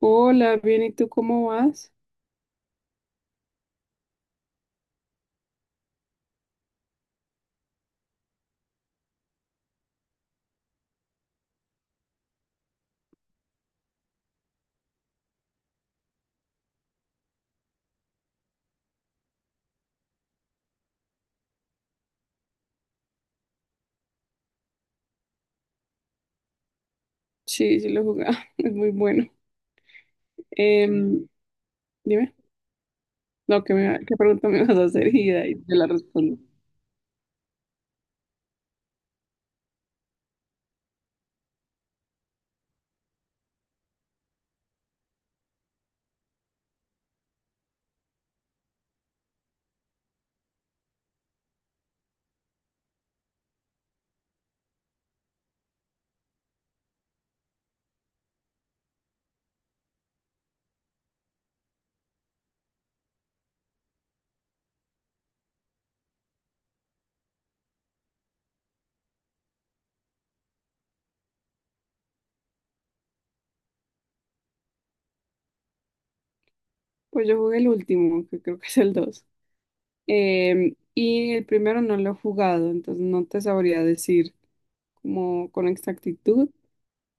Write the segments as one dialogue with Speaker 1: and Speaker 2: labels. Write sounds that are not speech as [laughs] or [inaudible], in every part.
Speaker 1: Hola, bien, ¿y tú cómo vas? Sí, sí lo jugaba, [laughs] es muy bueno. Em, Dime, no, ¿qué, qué pregunta me vas a hacer? [laughs] Y de ahí te la respondo. Pues yo jugué el último, que creo que es el 2. Y el primero no lo he jugado, entonces no te sabría decir como con exactitud.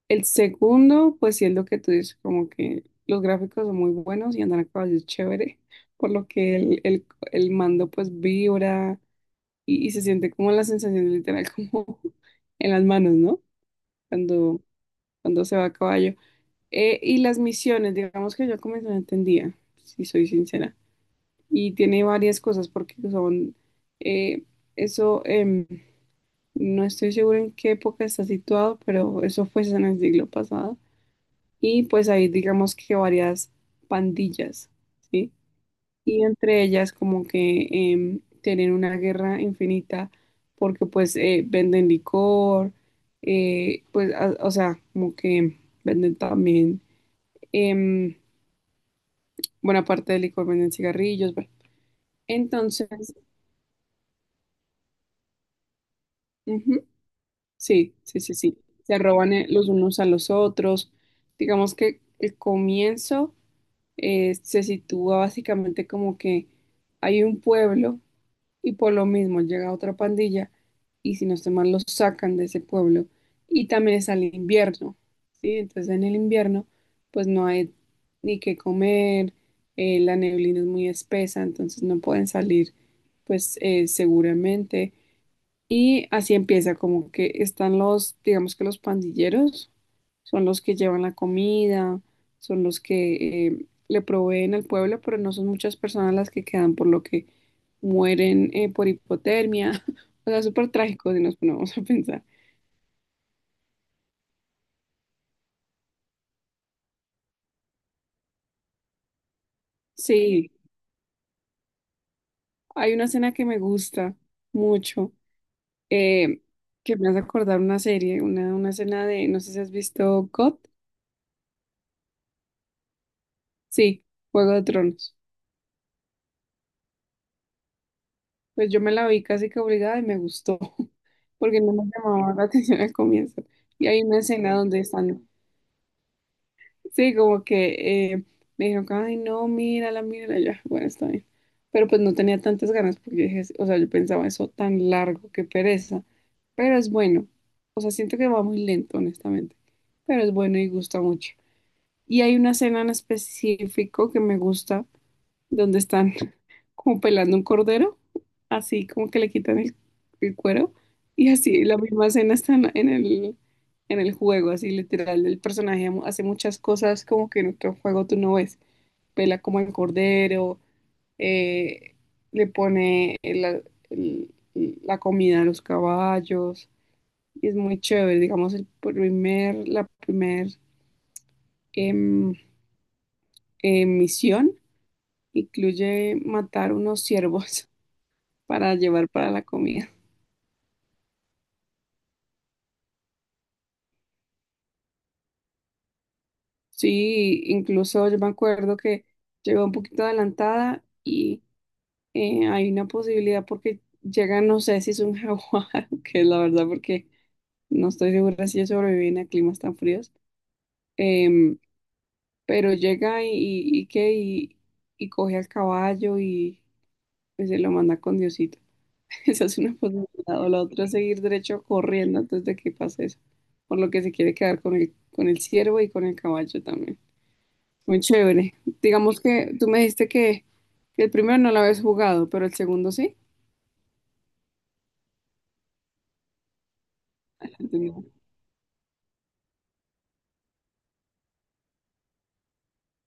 Speaker 1: El segundo, pues sí es lo que tú dices, como que los gráficos son muy buenos y andar a caballo es chévere, por lo que el mando pues vibra y se siente como la sensación literal como [laughs] en las manos, ¿no? Cuando, Cuando se va a caballo. Y las misiones, digamos que yo como no entendía, si soy sincera. Y tiene varias cosas porque son, eh, eso, no estoy segura en qué época está situado, pero eso fue en el siglo pasado. Y pues hay digamos que varias pandillas, ¿sí? Y entre ellas como que tienen una guerra infinita porque pues venden licor, pues o sea, como que venden también, em, buena parte del licor venden cigarrillos, bueno. Entonces, ujú, sí, sí, sí, sí, se roban los unos a los otros. Digamos que el comienzo se sitúa básicamente como que hay un pueblo y por lo mismo llega otra pandilla y si no estoy mal los sacan de ese pueblo y también está el invierno, ¿sí? Entonces en el invierno pues no hay ni qué comer, la neblina es muy espesa, entonces no pueden salir pues seguramente y así empieza, como que están los, digamos que los pandilleros, son los que llevan la comida, son los que le proveen al pueblo, pero no son muchas personas las que quedan, por lo que mueren por hipotermia. [laughs] O sea, súper trágico si nos ponemos a pensar. Sí, hay una escena que me gusta mucho, eh, que me hace acordar una serie, una escena de, no sé si has visto GOT, sí, Juego de Tronos. Pues yo me la vi casi que obligada y me gustó, porque no me llamaba la [laughs] atención al comienzo. Y hay una escena donde están, sí, como que me dijeron, ay, no, mírala, mírala, ya, bueno, está bien. Pero pues no tenía tantas ganas porque dije, o sea, yo pensaba eso tan largo, qué pereza. Pero es bueno, o sea, siento que va muy lento, honestamente, pero es bueno y gusta mucho. Y hay una escena en específico que me gusta, donde están como pelando un cordero, así como que le quitan el cuero, y así la misma escena está en en el juego, así literal, el personaje hace muchas cosas como que en otro juego tú no ves, pela como el cordero, eh, le pone el- la comida a los caballos, y es muy chévere, digamos, el primer, la primer em, misión incluye matar unos ciervos [laughs] para llevar para la comida. Sí, incluso yo me acuerdo que llegó un poquito adelantada y hay una posibilidad porque llega, no sé si es un jaguar, [laughs] que es la verdad porque no estoy segura si ellos sobreviven a climas tan fríos, em, pero llega y y coge al caballo y pues, se lo manda con Diosito. [laughs] Esa es una posibilidad. O la otra es seguir derecho corriendo antes de que pase eso, por lo que se quiere quedar con el ciervo y con el caballo también. Muy chévere. Digamos que tú me dijiste que el primero no lo habías jugado, pero el segundo sí. El segundo.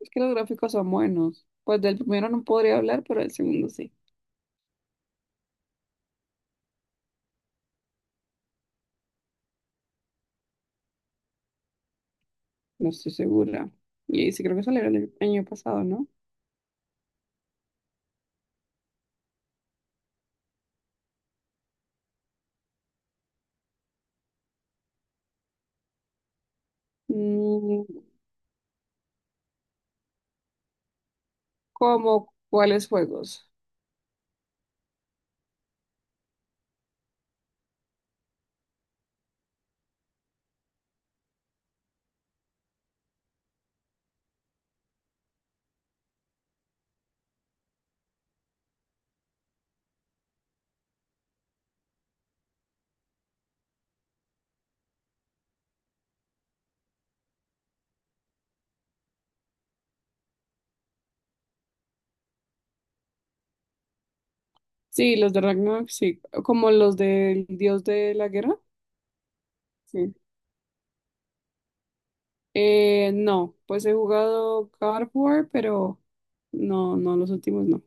Speaker 1: Es que los gráficos son buenos. Pues del primero no podría hablar, pero del segundo sí. No estoy segura. Y sí creo que salió el año pasado, ¿no? Mm, ¿cómo cuáles juegos? Sí, los de Ragnarok, sí. ¿Como los del dios de la guerra? Sí. No, pues he jugado God of War, pero no, los últimos no.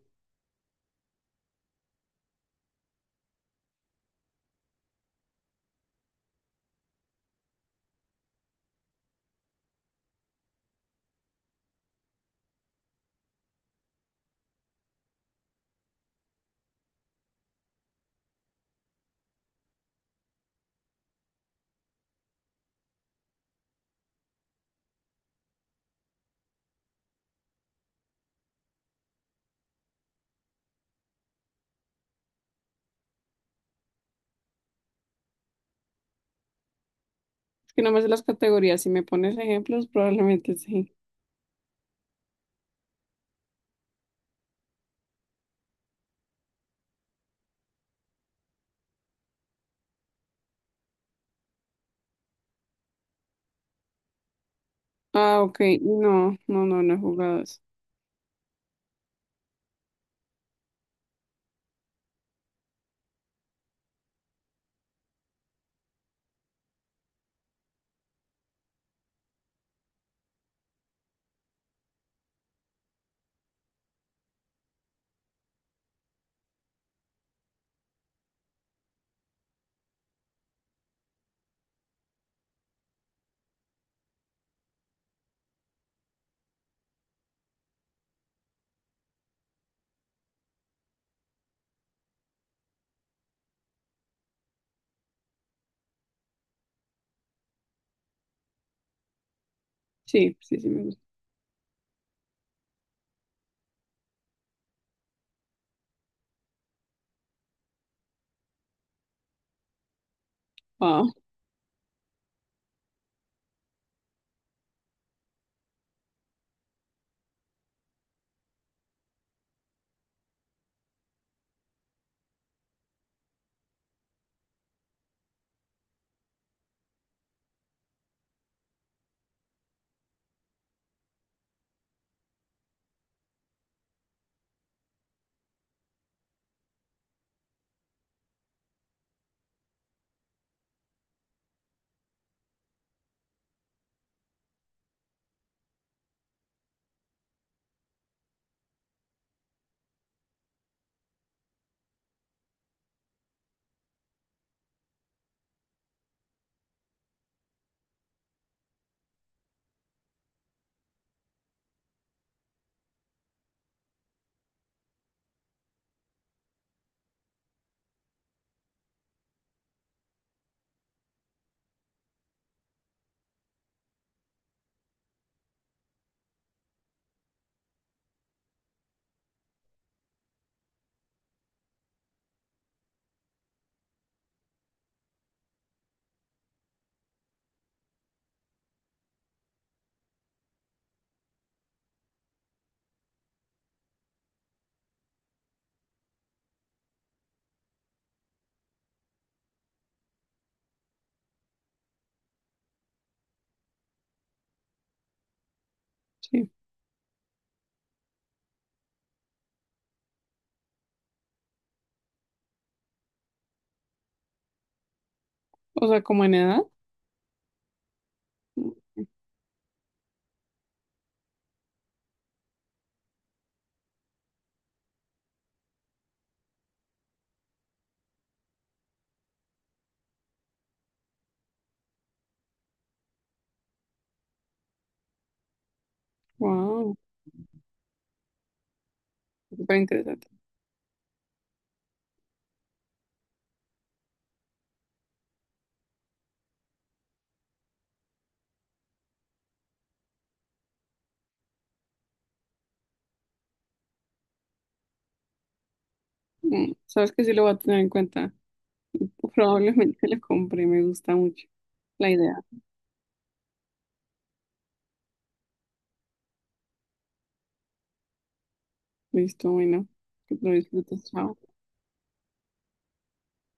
Speaker 1: Que no me sé las categorías. Si me pones ejemplos, probablemente sí. Ah, ok. No, no, no, no he jugado eso. Sí, sí, sí me gusta. Wow, sí. O sea, como en edad. Wow, súper interesante. Mm, sabes que sí lo voy a tener en cuenta. [laughs] Probablemente lo compre, me gusta mucho la idea. Listo, bueno. Que lo disfrutes, chao.